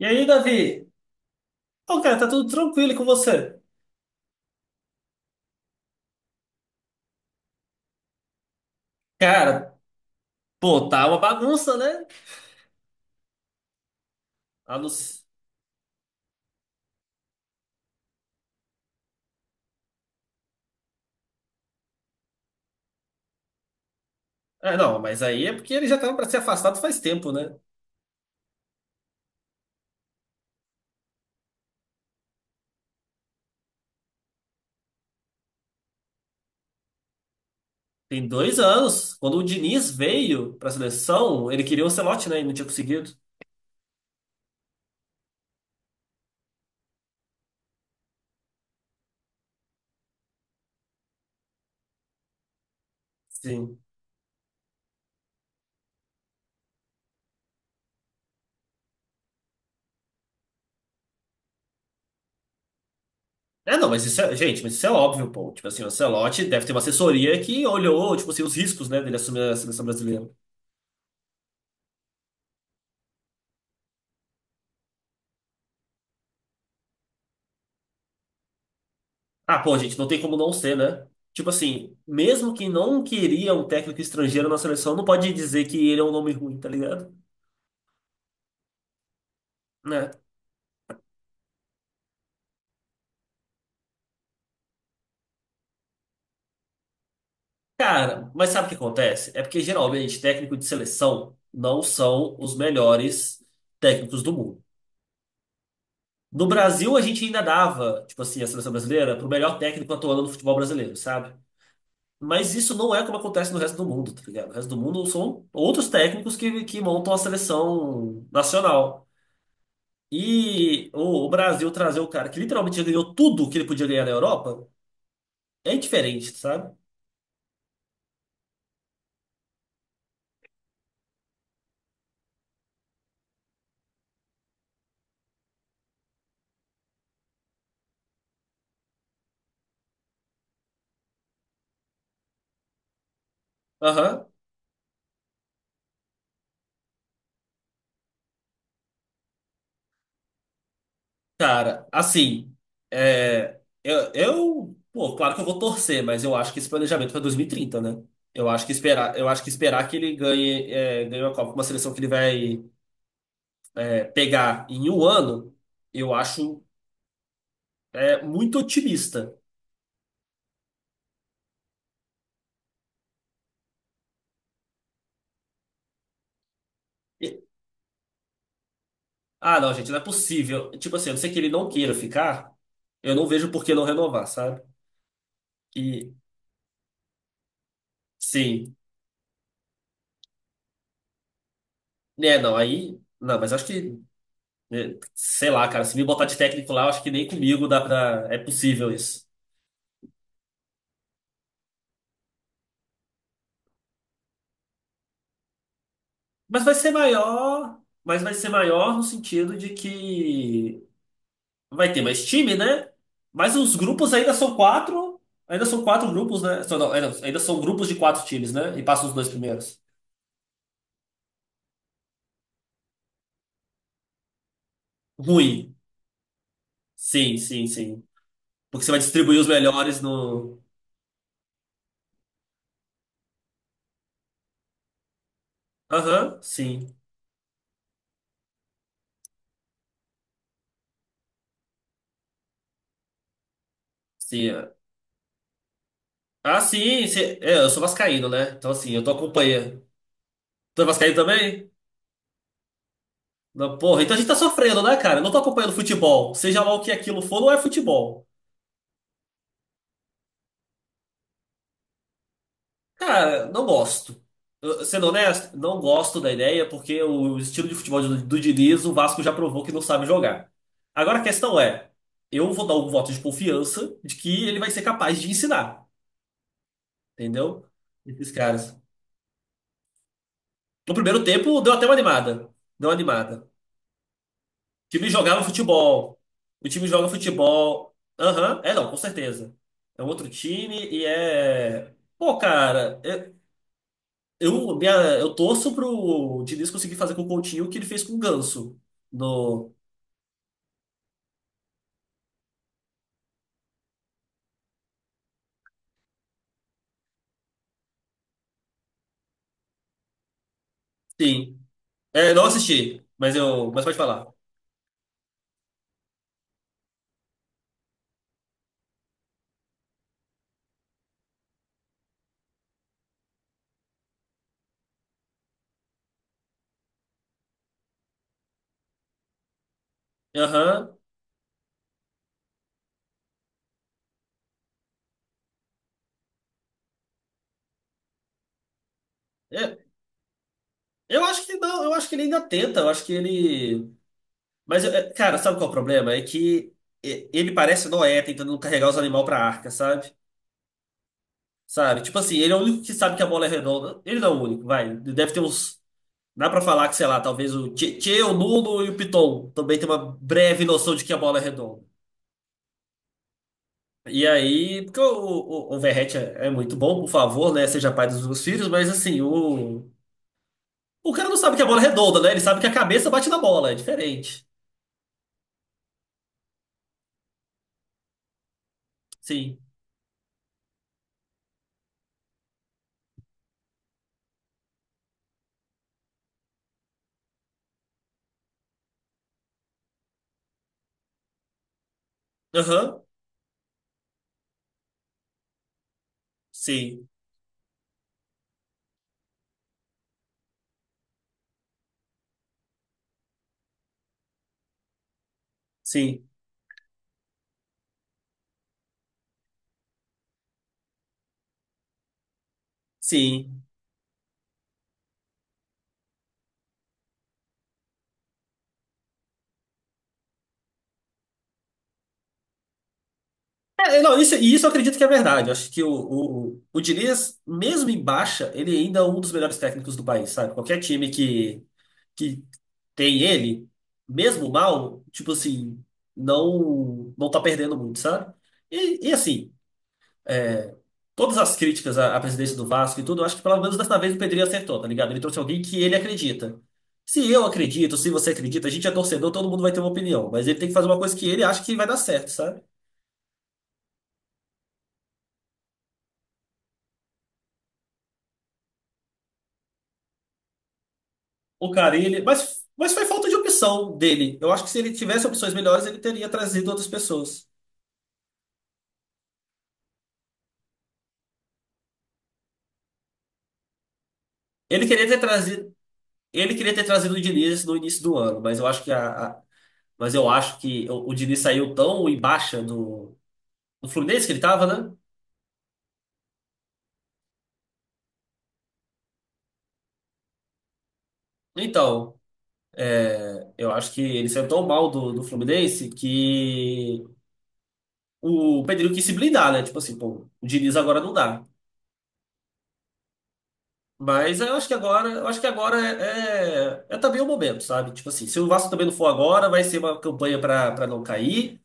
E aí, Davi? Pô, cara, tá tudo tranquilo com você? Cara, pô, tá uma bagunça, né? A não... s- É, não, mas aí é porque ele já tava pra ser afastado faz tempo, né? Tem dois anos. Quando o Diniz veio pra seleção, ele queria o Ancelotti, né? E não tinha conseguido. Sim. É, não, mas isso é... Gente, mas isso é óbvio, pô. Tipo assim, o Ancelotti deve ter uma assessoria que olhou, tipo assim, os riscos, né, dele assumir a seleção brasileira. Ah, pô, gente, não tem como não ser, né? Tipo assim, mesmo que não queria um técnico estrangeiro na seleção, não pode dizer que ele é um nome ruim, tá ligado? Né? Cara, mas sabe o que acontece? É porque geralmente técnico de seleção não são os melhores técnicos do mundo. No Brasil, a gente ainda dava, tipo assim, a seleção brasileira pro melhor técnico atuando no futebol brasileiro, sabe? Mas isso não é como acontece no resto do mundo, tá ligado? O resto do mundo são outros técnicos que montam a seleção nacional. E o Brasil trazer o cara que literalmente já ganhou tudo que ele podia ganhar na Europa é diferente, sabe? Aham. Cara, assim, Pô, claro que eu vou torcer, mas eu acho que esse planejamento para 2030, né? Eu acho que esperar, eu acho que esperar que ele ganhe, ganhe uma Copa com uma seleção que ele vai, pegar em um ano, eu acho, muito otimista. E- ah, não, gente, não é possível. Tipo assim, a não ser que ele não queira ficar, eu não vejo por que não renovar, sabe? E, sim. É, não, aí. Não, mas acho que. Sei lá, cara, se me botar de técnico lá, eu acho que nem comigo dá pra. É possível isso. Mas vai ser maior. Mas vai ser maior no sentido de que vai ter mais time, né? Mas os grupos ainda são quatro. Ainda são quatro grupos, né? Só Não, é, não, ainda são grupos de quatro times, né? E passam os dois primeiros. Ruim. Sim, sim, sim. Porque você vai distribuir os melhores no. Aham, sim. Sim. é. Ah, sim, sim. É, eu sou vascaíno, né? Então, assim, eu tô acompanhando. Tu é vascaíno também? Não, porra, então a gente tá sofrendo, né, cara? Eu não tô acompanhando futebol. Seja lá o que aquilo for, não é futebol. Cara, não gosto. Sendo honesto, não gosto da ideia, porque o estilo de futebol do Diniz, o Vasco já provou que não sabe jogar. Agora a questão é, eu vou dar um voto de confiança de que ele vai ser capaz de ensinar, entendeu? Esses caras. No primeiro tempo, deu até uma animada. Deu uma animada. O time jogava futebol. O time joga futebol. Aham, é não, com certeza. É um outro time e é. Pô, cara, eu torço pro Diniz conseguir fazer com o Coutinho o que ele fez com o Ganso. No... Sim. É, não assisti, mas eu. Mas pode falar. Aham. É, eu acho que não, eu acho que ele ainda tenta, eu acho que ele. Mas, é, cara, sabe qual é o problema? É que ele parece Noé tentando carregar os animais pra arca, sabe? Sabe? Tipo assim, ele é o único que sabe que a bola é redonda. Ele não é o único, vai. Deve ter uns. Dá pra falar que, sei lá, talvez o Tchê, Tchê, o Nuno e o Piton também tem uma breve noção de que a bola é redonda. E aí, porque o Verratti é, é muito bom, por favor, né? Seja pai dos meus filhos, mas assim, o. O cara não sabe que a bola é redonda, né? Ele sabe que a cabeça bate na bola, é diferente. Sim. Aham. Sim. Sim. Sim. É, não, isso, e isso eu acredito que é verdade. Eu acho que o Diniz, mesmo em baixa, ele ainda é um dos melhores técnicos do país, sabe? Qualquer time que tem ele, mesmo mal, tipo assim, não tá perdendo muito, sabe? E assim, é, todas as críticas à presidência do Vasco e tudo, eu acho que pelo menos dessa vez o Pedrinho acertou, tá ligado? Ele trouxe alguém que ele acredita. Se eu acredito, se você acredita, a gente é torcedor, todo mundo vai ter uma opinião, mas ele tem que fazer uma coisa que ele acha que vai dar certo, sabe? O Carille, mas foi falta de opção dele. Eu acho que se ele tivesse opções melhores, ele teria trazido outras pessoas. Ele queria ter trazido, ele queria ter trazido o Diniz no início do ano, mas eu acho que mas eu acho que o Diniz saiu tão em baixa do Fluminense que ele tava, né? Então, eu acho que ele saiu tão mal do Fluminense que o Pedrinho quis se blindar, né? Tipo assim, pô, o Diniz agora não dá. Mas eu acho que agora, eu acho que agora é também o momento, sabe? Tipo assim, se o Vasco também não for agora, vai ser uma campanha pra para não cair.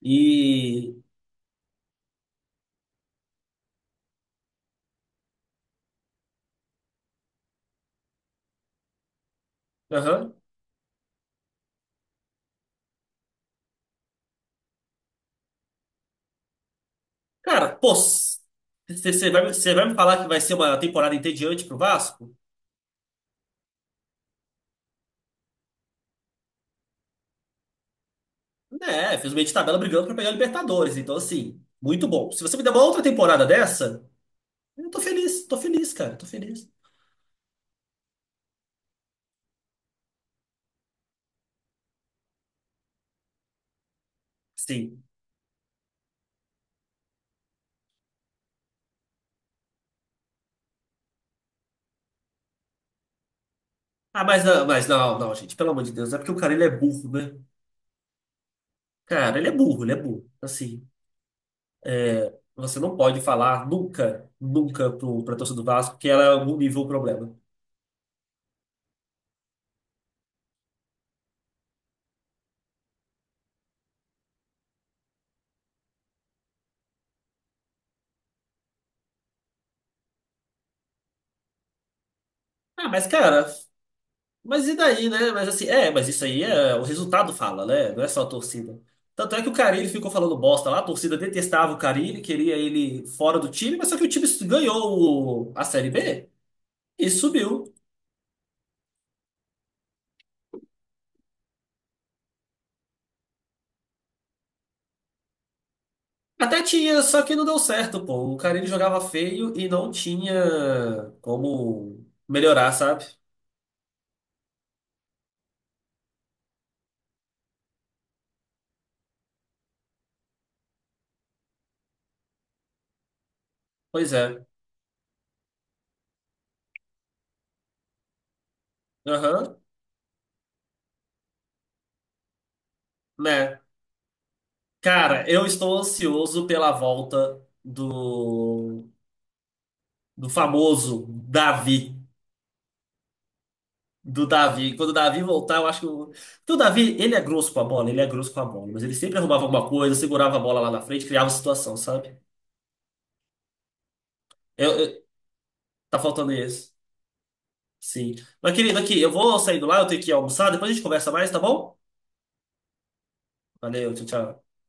E. Aham. Cara, pô, você vai me falar que vai ser uma temporada entediante pro Vasco? Né, fez meio de tabela brigando pra pegar a Libertadores. Então, assim, muito bom. Se você me der uma outra temporada dessa, eu tô feliz, cara, tô feliz. Sim. Mas não, não, gente, pelo amor de Deus, é porque o cara ele é burro, né? Cara, ele é burro, ele é burro. Assim. É, você não pode falar nunca, nunca pra torcida do Vasco que ela é algum nível o problema. Ah, mas cara, mas e daí, né? Mas assim, é, mas isso aí é o resultado fala, né? Não é só a torcida. Tanto é que o Carille ficou falando bosta lá, a torcida detestava o Carille, queria ele fora do time, mas só que o time ganhou a Série B e subiu. Até tinha, só que não deu certo, pô. O Carille jogava feio e não tinha como melhorar, sabe? Pois é. Aham. Né? Cara, eu estou ansioso pela volta do famoso Davi. Do Davi. Quando o Davi voltar, eu acho que. O, porque o Davi, ele é grosso com a bola, ele é grosso com a bola, mas ele sempre arrumava alguma coisa, segurava a bola lá na frente, criava situação, sabe? Eu, eu- tá faltando isso. Sim. Mas, querido, aqui, eu vou saindo lá, eu tenho que almoçar, depois a gente conversa mais, tá bom? Valeu, tchau, tchau.